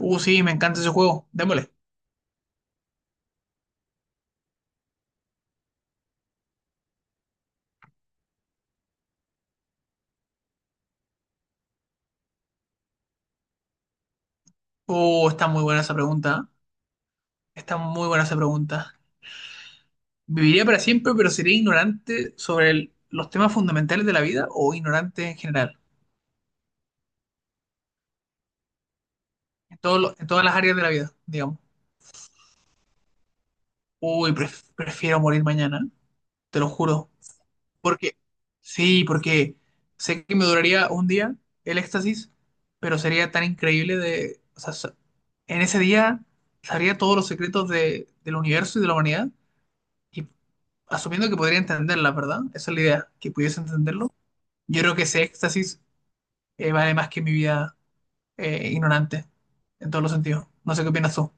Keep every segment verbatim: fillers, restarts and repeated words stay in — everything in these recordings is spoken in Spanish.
Uh, sí, me encanta ese juego. Démosle. Uh, está muy buena esa pregunta. ¿Eh? Está muy buena esa pregunta. ¿Viviría para siempre, pero sería ignorante sobre el- los temas fundamentales de la vida o ignorante en general? En todo lo- en todas las áreas de la vida, digamos. Uy, pref- prefiero morir mañana, te lo juro. Porque, sí, porque sé que me duraría un día el éxtasis, pero sería tan increíble de... O sea, sa- en ese día sabría todos los secretos de- del universo y de la humanidad, asumiendo que podría entenderla, ¿verdad? Esa es la idea, que pudiese entenderlo. Yo creo que ese éxtasis eh, vale más que mi vida eh, ignorante, en todos los sentidos. No sé qué opinas tú.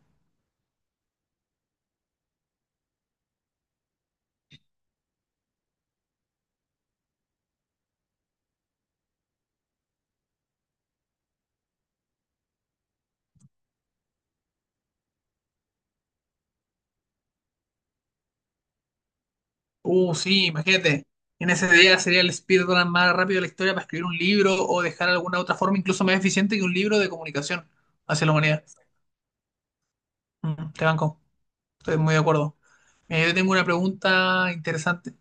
Uh, sí, imagínate. En ese día sería el speedrun más rápido de la historia para escribir un libro o dejar alguna otra forma incluso más eficiente que un libro de comunicación hacia la humanidad. Mm, te banco, estoy muy de acuerdo. Eh, yo tengo una pregunta interesante.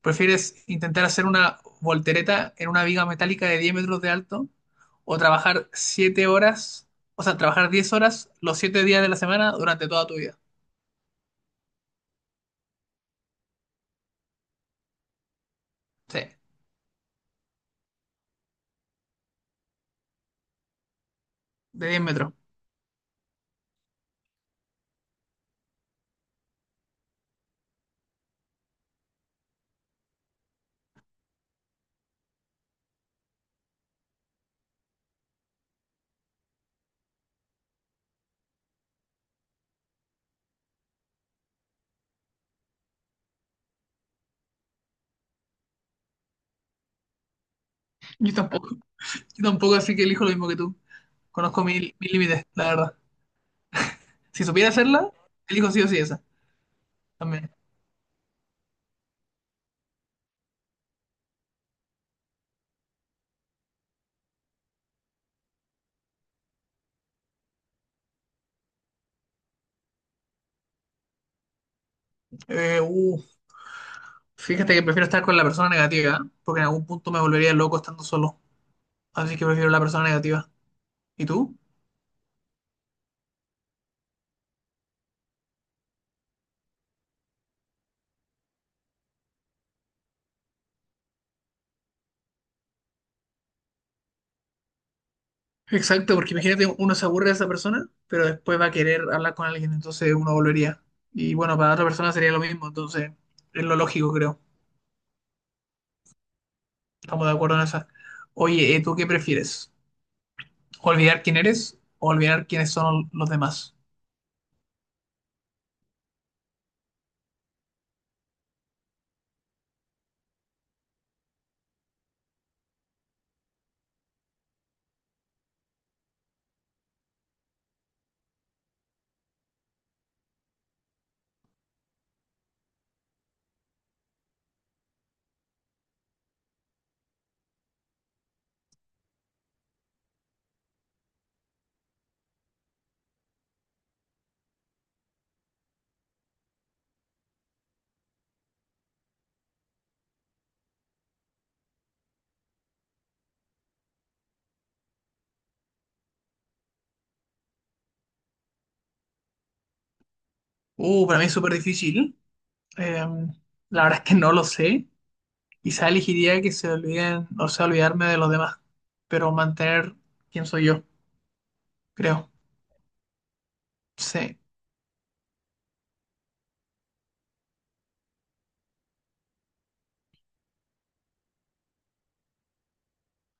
¿Prefieres intentar hacer una voltereta en una viga metálica de diez metros de alto o trabajar siete horas, o sea, trabajar diez horas los siete días de la semana durante toda tu vida? Sí, de diez metros. Yo tampoco, yo tampoco, así que elijo lo mismo que tú. Conozco mi- mis límites, la verdad. Si supiera hacerla, elijo sí o sí esa. También. Eh, uh, Fíjate que prefiero estar con la persona negativa, ¿eh? Porque en algún punto me volvería loco estando solo. Así que prefiero la persona negativa. ¿Y tú? Exacto, porque imagínate, uno se aburre de esa persona, pero después va a querer hablar con alguien, entonces uno volvería. Y bueno, para otra persona sería lo mismo, entonces es lo lógico, creo. Estamos de acuerdo en eso. Oye, eh, ¿tú qué prefieres? ¿Olvidar quién eres o olvidar quiénes son los demás? Uh, para mí es súper difícil. Eh, la verdad es que no lo sé. Quizá elegiría que se olviden, o sea, olvidarme de los demás, pero mantener quién soy yo, creo. Sí.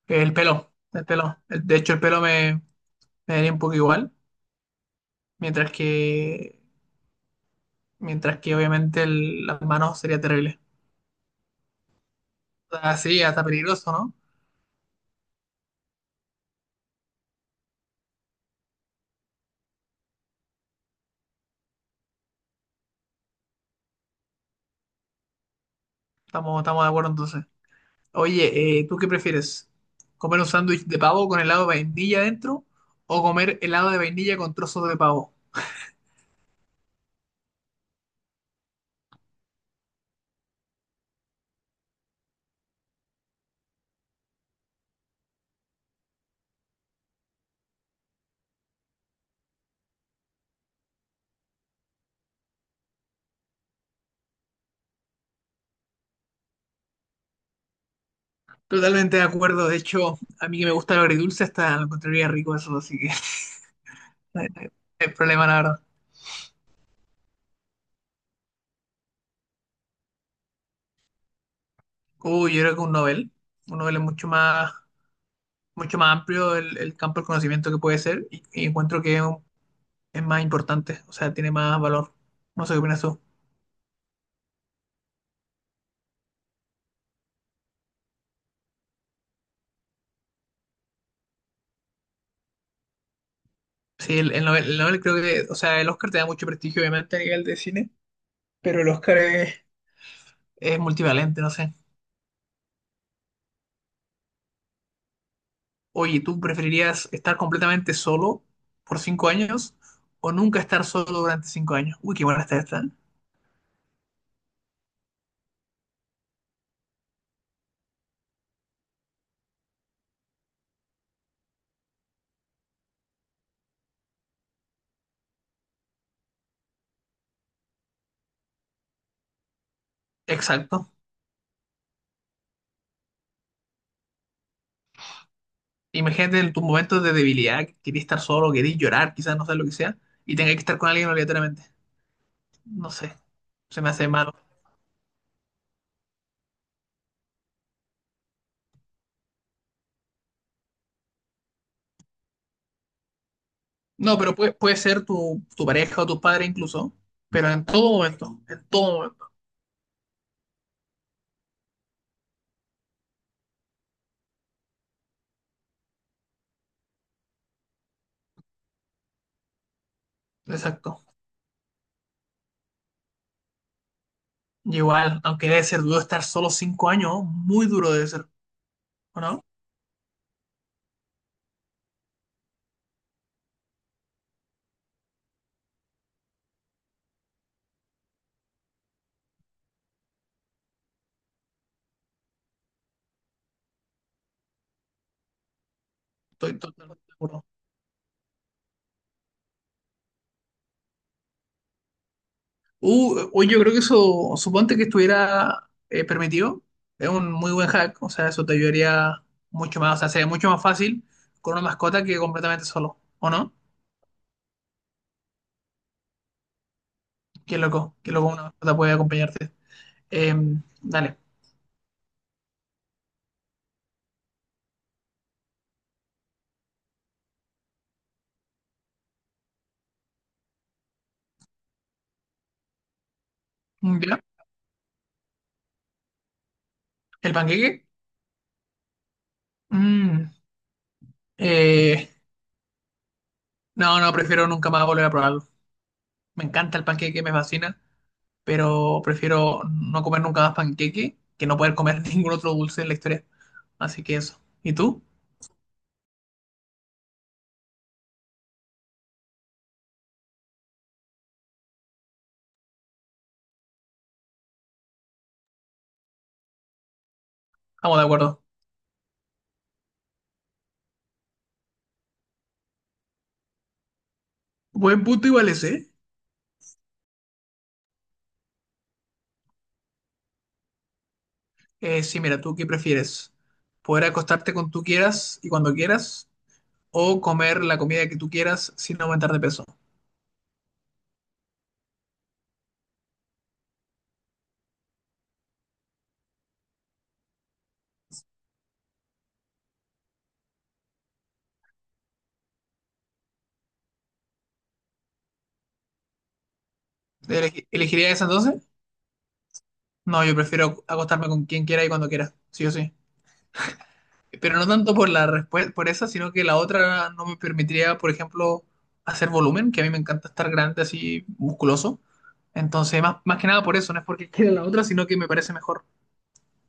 El pelo, el pelo. El- De hecho, el pelo me, me daría un poco igual, mientras que, mientras que obviamente el- las manos sería terrible. Así, hasta peligroso, ¿no? Estamos, estamos de acuerdo entonces. Oye, eh, ¿tú qué prefieres? ¿Comer un sándwich de pavo con helado de vainilla dentro o comer helado de vainilla con trozos de pavo? Totalmente de acuerdo. De hecho, a mí que me gusta lo agridulce hasta lo encontraría rico eso, así que no hay no hay- no problema, la verdad. Uy, yo creo que un novel. Un novel es mucho más, mucho más amplio el, el campo del conocimiento que puede ser y, y encuentro que es un es más importante, o sea, tiene más valor. No sé qué opinas tú. Sí, el, el Nobel, el Nobel creo que, o sea, el Oscar te da mucho prestigio, obviamente, a nivel de cine, pero el Oscar es, es multivalente, no sé. Oye, ¿tú preferirías estar completamente solo por cinco años o nunca estar solo durante cinco años? Uy, qué buena está esta. ¿Eh? Exacto. Imagínate en tus momentos de debilidad, que querías estar solo, querías llorar, quizás no sé lo que sea, y tengas que estar con alguien obligatoriamente. No sé, se me hace malo. No, pero puede, puede ser tu, tu pareja o tu padre incluso, pero en todo momento, en todo momento. Exacto. Y igual, aunque debe ser duro estar solo cinco años, muy duro debe ser, ¿o no? Estoy totalmente de acuerdo. Uh, hoy yo creo que eso, suponte que estuviera eh, permitido, es un muy buen hack, o sea, eso te ayudaría mucho más, o sea, sería mucho más fácil con una mascota que completamente solo, ¿o no? Qué loco, qué loco una mascota puede acompañarte. Em, dale. ¿Ya? ¿El panqueque? Mm, eh, No, no, prefiero nunca más volver a probarlo. Me encanta el panqueque, me fascina, pero prefiero no comer nunca más panqueque que no poder comer ningún otro dulce en la historia. Así que eso. ¿Y tú? Estamos de acuerdo. Buen punto igual ese. Eh, sí, mira, ¿tú qué prefieres? ¿Poder acostarte con tú quieras y cuando quieras? ¿O comer la comida que tú quieras sin aumentar de peso? ¿Elegi- Elegirías esa entonces? No, yo prefiero acostarme con quien quiera y cuando quiera. Sí o sí. Pero no tanto por la respuesta, por esa, sino que la otra no me permitiría, por ejemplo, hacer volumen, que a mí me encanta estar grande así, musculoso. Entonces, más, más que nada por eso, no es porque quiera la otra, sino que me parece mejor.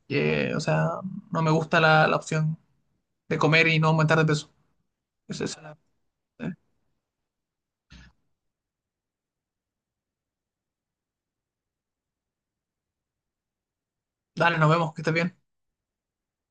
Que, o sea, no me gusta la, la opción de comer y no aumentar de peso. Esa es la- eh. Dale, nos vemos, que estés bien.